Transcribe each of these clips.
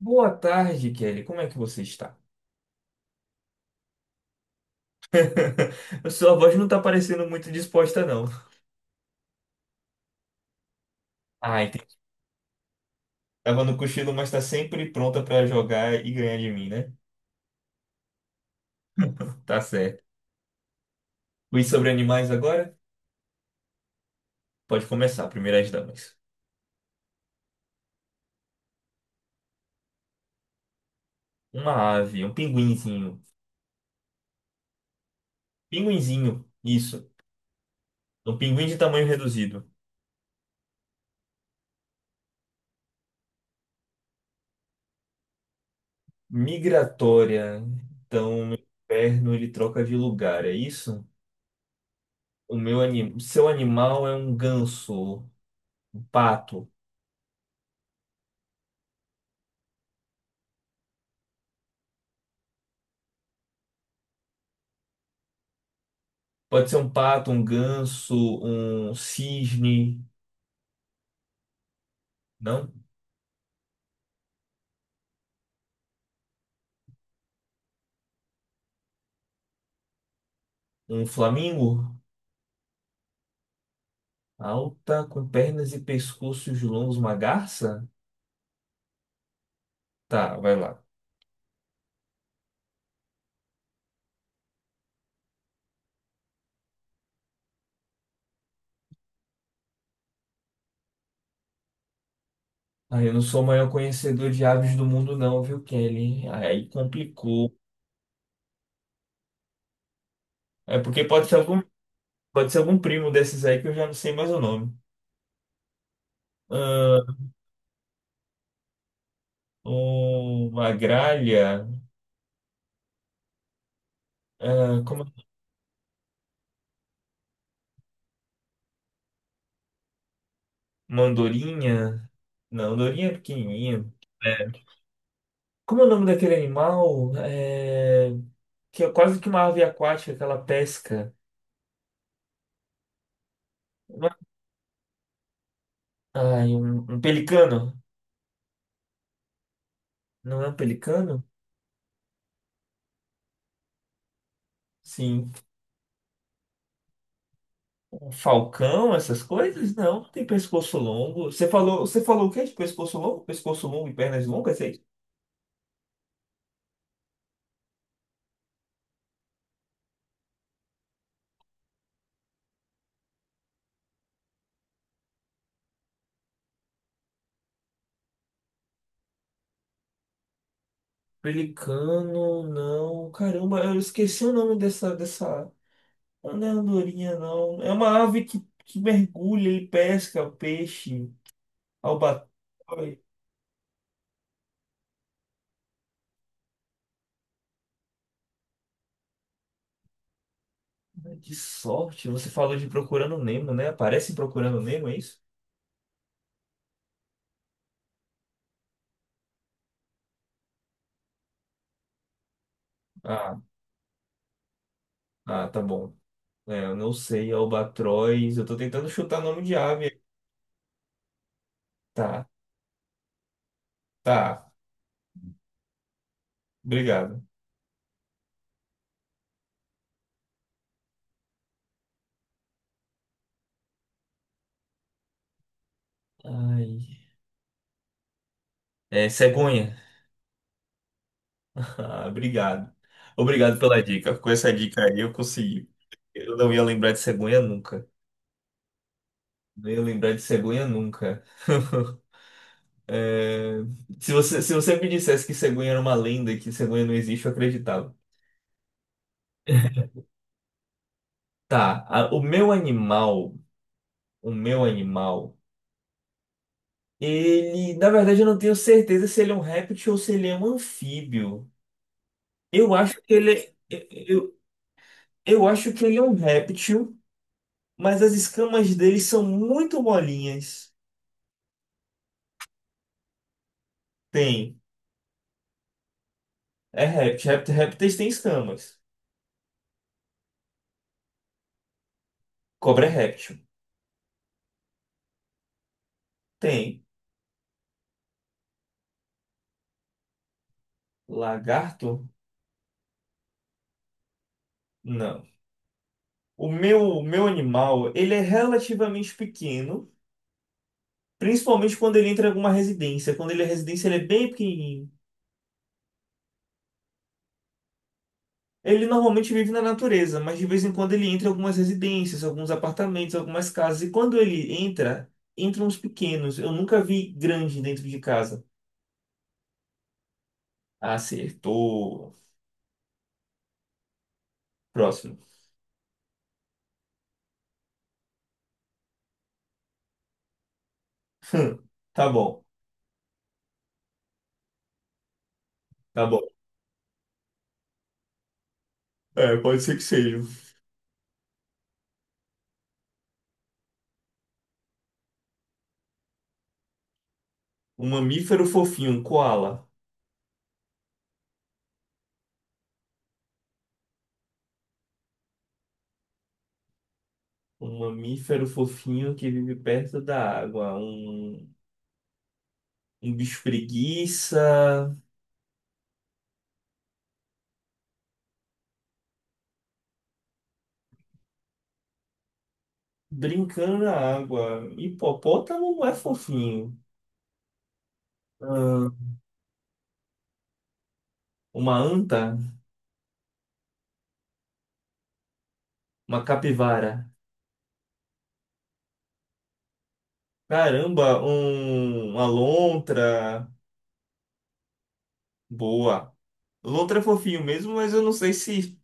Boa tarde, Kelly. Como é que você está? Sua voz não tá parecendo muito disposta, não. Ah, entendi. Tava no cochilo, mas tá sempre pronta pra jogar e ganhar de mim, né? Tá certo. Quiz sobre animais agora? Pode começar, primeiras damas. Uma ave, um pinguinzinho. Pinguinzinho, isso. Um pinguim de tamanho reduzido. Migratória. Então, no inverno ele troca de lugar, é isso? O meu anim... Seu animal é um ganso, um pato. Pode ser um pato, um ganso, um cisne, não? Um flamingo? Alta, com pernas e pescoços longos, uma garça? Tá, vai lá. Ah, eu não sou o maior conhecedor de aves do mundo, não, viu, Kelly? Aí complicou. É porque pode ser pode ser algum primo desses aí que eu já não sei mais o nome. Ah, uma gralha? Ah, como? É? Uma andorinha? Não, andorinha é pequenininha. Como é o nome daquele animal? Que é quase que uma ave aquática que ela pesca. Uma- Ai, um pelicano. Não é um pelicano? Sim. Um falcão, essas coisas? Não, não tem pescoço longo. Você falou o quê de pescoço longo? Pescoço longo e pernas longas, é isso? Pelicano, não. Caramba, eu esqueci o nome dessa... Não é andorinha, não. É uma ave que mergulha, ele pesca peixe, albatroz. Que sorte, você falou de Procurando Nemo, né? Aparece em Procurando Nemo, é isso? Ah. Ah, tá bom. É, eu não sei, albatroz. Eu tô tentando chutar nome de ave. Tá, tá. Obrigado. Ai. É cegonha. Ah, obrigado. Obrigado pela dica. Com essa dica aí eu consegui. Eu não ia lembrar de cegonha nunca. Não ia lembrar de cegonha nunca. É, se você me dissesse que cegonha era uma lenda, e que cegonha não existe, eu acreditava. Tá, o meu o meu animal. Ele, na verdade, eu não tenho certeza se ele é um réptil ou se ele é um anfíbio. Eu acho que ele eu, eu acho que ele é um réptil, mas as escamas dele são muito molinhas. Tem. É réptil. Répteis têm escamas. Cobra é réptil. Tem. Lagarto? Não. O meu animal, ele é relativamente pequeno, principalmente quando ele entra em alguma residência. Quando ele é residência, ele é bem pequenininho. Ele normalmente vive na natureza, mas de vez em quando ele entra em algumas residências, alguns apartamentos, algumas casas. E quando ele entra, entram uns pequenos. Eu nunca vi grande dentro de casa. Acertou. Próximo. Hum, tá bom, tá bom. É, pode ser que seja. Um mamífero fofinho, um koala. Um mamífero fofinho que vive perto da água. Um bicho preguiça. Brincando na água. Hipopótamo não é fofinho. Ahn, uma anta. Uma capivara. Caramba, uma lontra. Boa. Lontra é fofinho mesmo, mas eu não sei se.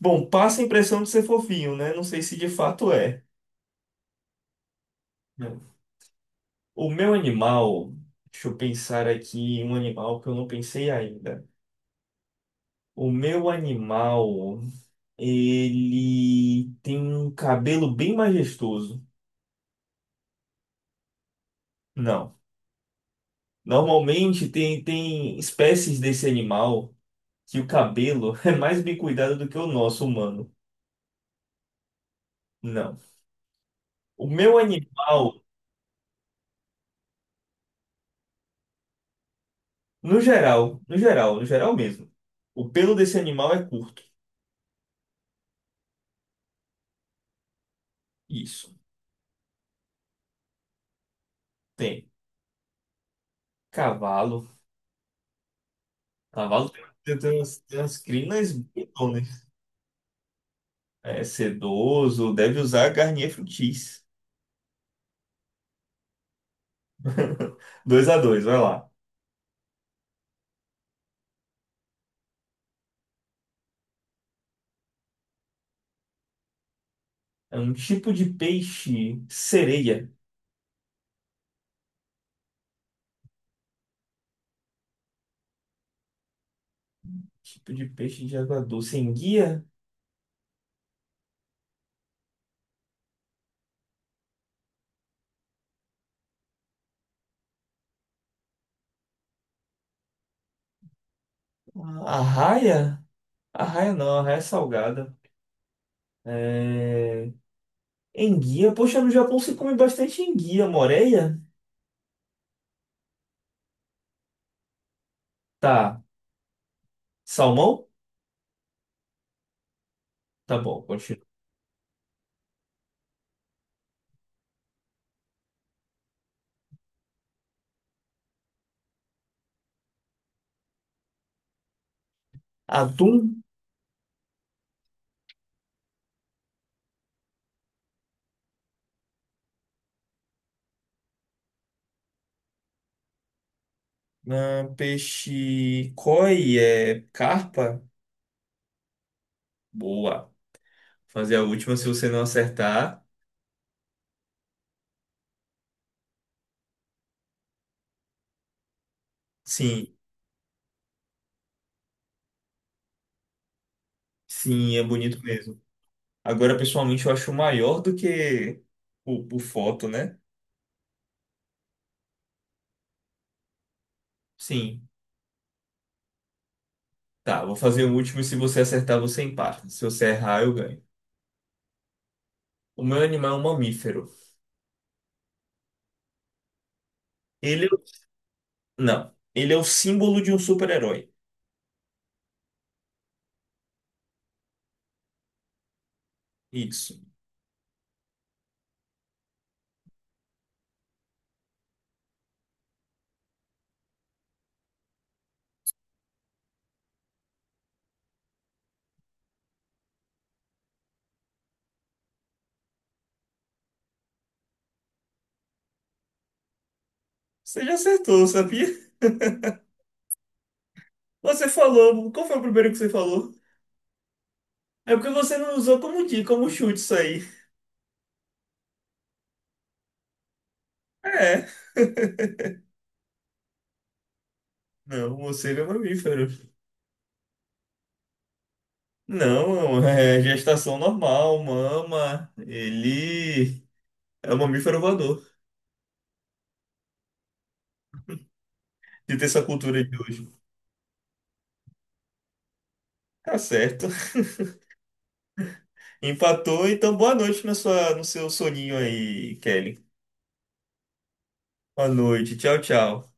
Bom, passa a impressão de ser fofinho, né? Não sei se de fato é. O meu animal. Deixa eu pensar aqui em um animal que eu não pensei ainda. O meu animal. Ele tem um cabelo bem majestoso. Não. Normalmente tem espécies desse animal que o cabelo é mais bem cuidado do que o nosso humano. Não. O meu animal, no geral mesmo, o pelo desse animal é curto. Isso. Tem cavalo. Cavalo tem umas crinas bitonas. É sedoso, deve usar Garnier Fructis. Dois a dois, vai lá. É um tipo de peixe sereia. Tipo de peixe de água doce. Enguia? Arraia? Arraia não, arraia é salgada. É... Enguia? Poxa, no Japão se come bastante enguia, moreia? Tá. Salmão? Tá bom, continua. Atum, ah, peixe koi, é carpa. Boa. Fazer a última se você não acertar. Sim, sim, é bonito mesmo. Agora, pessoalmente, eu acho maior do que o foto, né? Sim. Tá, vou fazer o último e se você acertar, você empata. Se você errar, eu ganho. O meu animal é um mamífero. Ele é... o- Não. Ele é o símbolo de um super-herói. Isso. Você já acertou, sabia? Você falou. Qual foi o primeiro que você falou? É porque você não usou como dica, como chute isso aí. É. Não, morcego é mamífero. Não, é gestação normal, mama. Ele é um mamífero voador. De ter essa cultura de hoje. Tá certo. Empatou, então boa noite na sua, no seu soninho aí, Kelly. Boa noite. Tchau, tchau.